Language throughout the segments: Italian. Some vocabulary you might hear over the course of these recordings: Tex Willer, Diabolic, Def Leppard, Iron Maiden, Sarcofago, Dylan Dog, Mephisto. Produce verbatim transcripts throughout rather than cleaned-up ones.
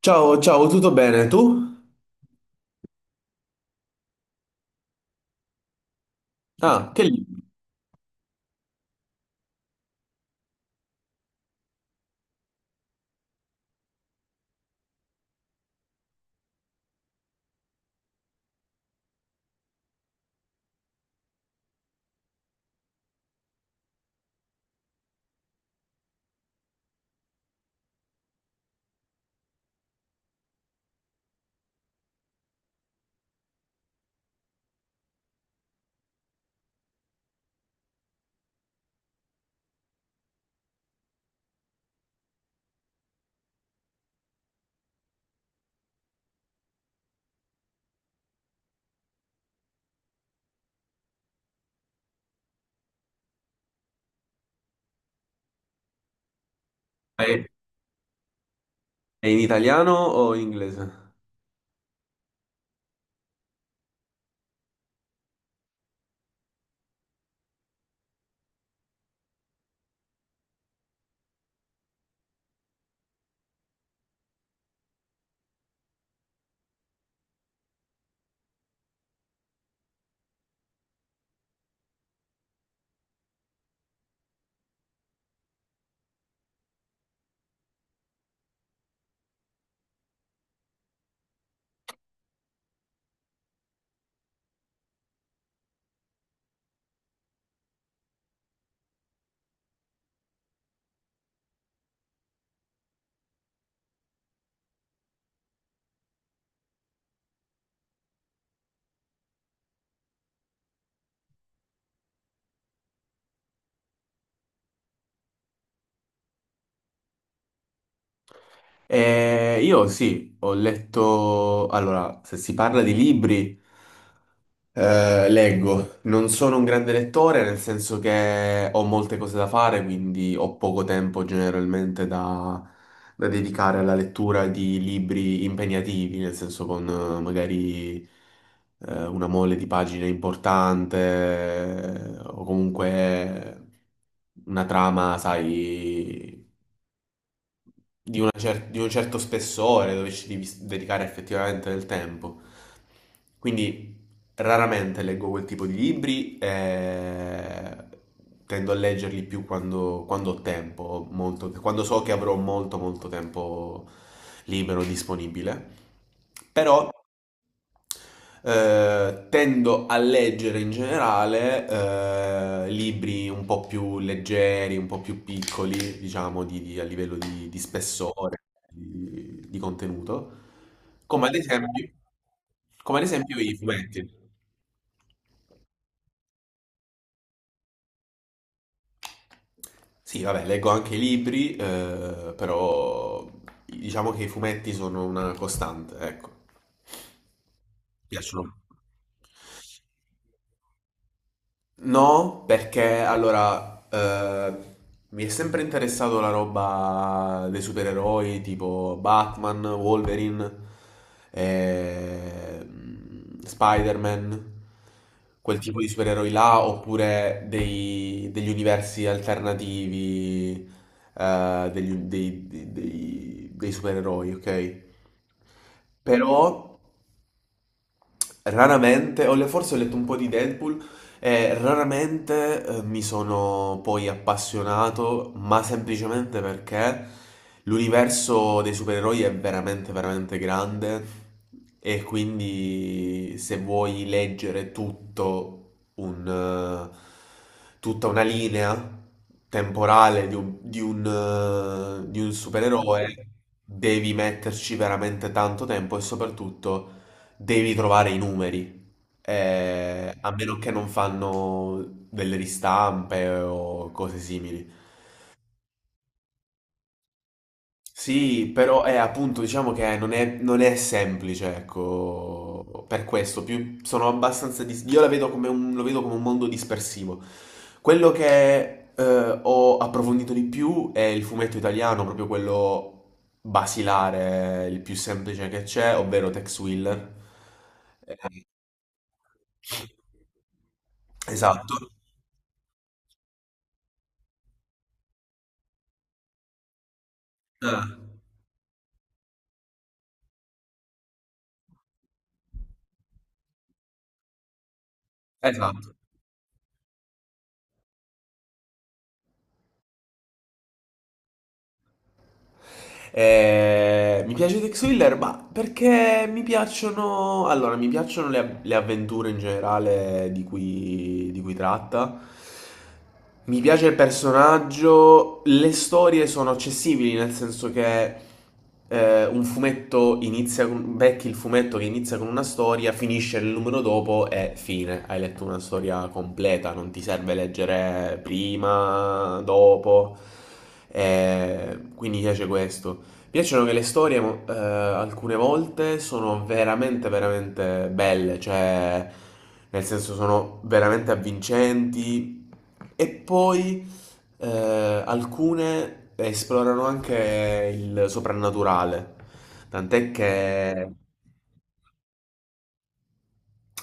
Ciao, ciao, tutto bene? Tu? Ah, che libro? È è in italiano o in inglese? Eh, io sì, ho letto... Allora, se si parla di libri, eh, leggo, non sono un grande lettore nel senso che ho molte cose da fare, quindi ho poco tempo generalmente da, da dedicare alla lettura di libri impegnativi, nel senso con eh, magari eh, una mole di pagine importante eh, o comunque una trama, sai, una cer- di un certo spessore dove ci devi s- dedicare effettivamente del tempo. Quindi raramente leggo quel tipo di libri e tendo a leggerli più quando, quando ho tempo, molto- quando so che avrò molto molto tempo libero disponibile. Però eh, tendo a leggere in generale eh, libri un po' più leggeri, un po' più piccoli, diciamo, di- di- a livello di, di spessore, di, di contenuto, come ad esempio, come ad esempio i fumetti. Sì, vabbè, leggo anche i libri, eh, però diciamo che i fumetti sono una costante, ecco, piacciono. No, perché allora eh, mi è sempre interessato la roba dei supereroi tipo Batman, Wolverine, eh, Spider-Man, quel tipo di supereroi là, oppure dei- degli universi alternativi eh, degli- dei, dei- dei- dei supereroi, ok? Però raramente, ho le- forse ho letto un po' di Deadpool e raramente eh, mi sono poi appassionato, ma semplicemente perché l'universo dei supereroi è veramente, veramente grande e quindi se vuoi leggere tutto un, eh, tutta una linea temporale di un, di un, eh, di un supereroe, devi metterci veramente tanto tempo e soprattutto... Devi trovare i numeri, eh, a meno che non fanno delle ristampe o cose simili. Sì, però è appunto, diciamo che non è, non è semplice, ecco, per questo, più sono abbastanza, dis- io la vedo come un, lo vedo come un mondo dispersivo. Quello che eh, ho approfondito di più è il fumetto italiano, proprio quello basilare, il più semplice che c'è, ovvero Tex Willer. Esatto. Eh, esatto. Eh, mi piace Tex Willer, ma perché mi piacciono... Allora, mi piacciono le, le avventure in generale di cui, di cui tratta. Mi piace il personaggio, le storie sono accessibili, nel senso che eh, un fumetto inizia con... becchi il fumetto che inizia con una storia, finisce nel numero dopo e fine. Hai letto una storia completa, non ti serve leggere prima, dopo. E quindi mi piace questo. Mi piacciono che le storie mo- eh, alcune volte sono veramente, veramente belle, cioè nel senso sono veramente avvincenti e poi eh, alcune esplorano anche il soprannaturale, tant'è che...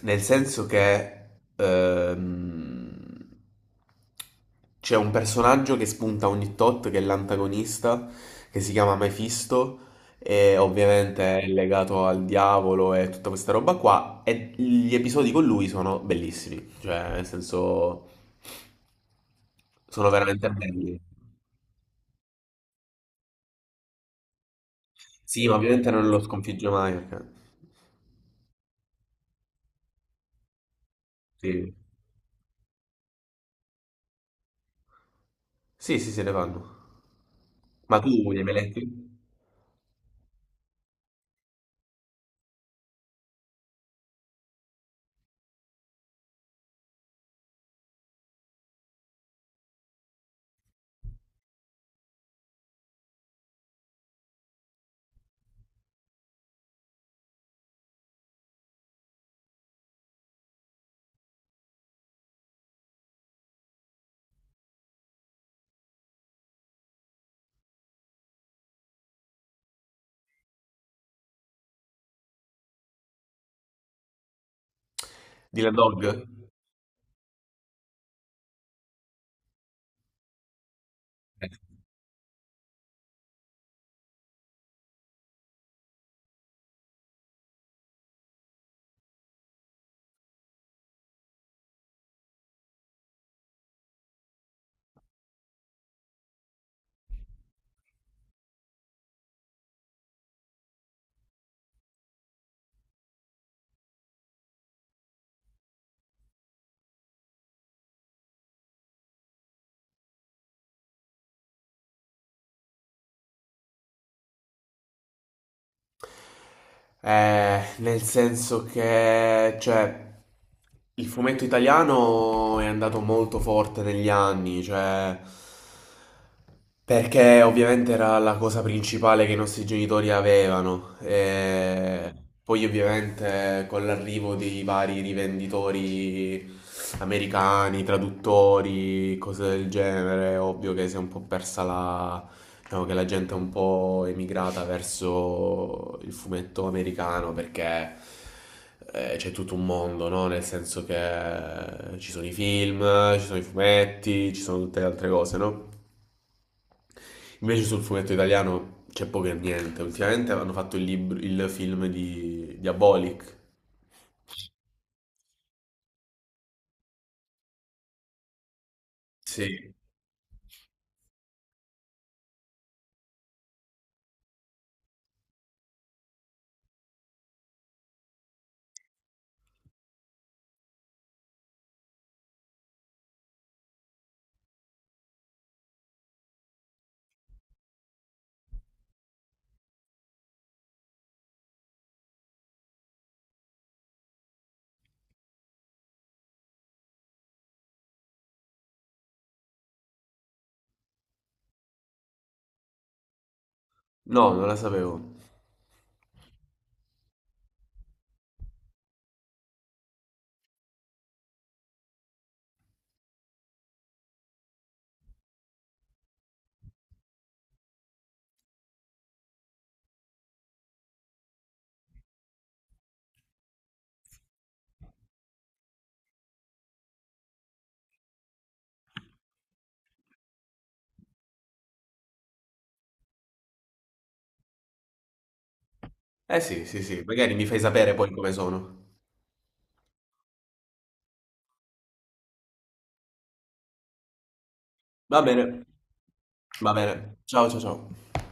Nel senso che ehm, c'è un personaggio che spunta ogni tot, che è l'antagonista, che si chiama Mephisto, e ovviamente è legato al diavolo e tutta questa roba qua, e gli episodi con lui sono bellissimi, cioè nel senso sono veramente belli. Sì, ma ovviamente non lo sconfigge mai, perché... Sì, sì, sì, se ne fanno. Ma tu li hai mai letti? Dylan Dog? Eh, nel senso che, cioè, il fumetto italiano è andato molto forte negli anni, cioè, perché ovviamente era la cosa principale che i nostri genitori avevano. E poi ovviamente con l'arrivo dei vari rivenditori americani, traduttori, cose del genere, è ovvio che si è un po' persa la... Diciamo che la gente è un po' emigrata verso il fumetto americano perché eh, c'è tutto un mondo, no? Nel senso che eh, ci sono i film, ci sono i fumetti, ci sono tutte le altre cose, no? Invece sul fumetto italiano c'è poco e niente. Ultimamente hanno fatto il, libro, il film di Diabolic. Sì. No, non la sapevo. Eh sì, sì, sì, magari mi fai sapere poi come sono. Va bene, va bene. Ciao, ciao, ciao.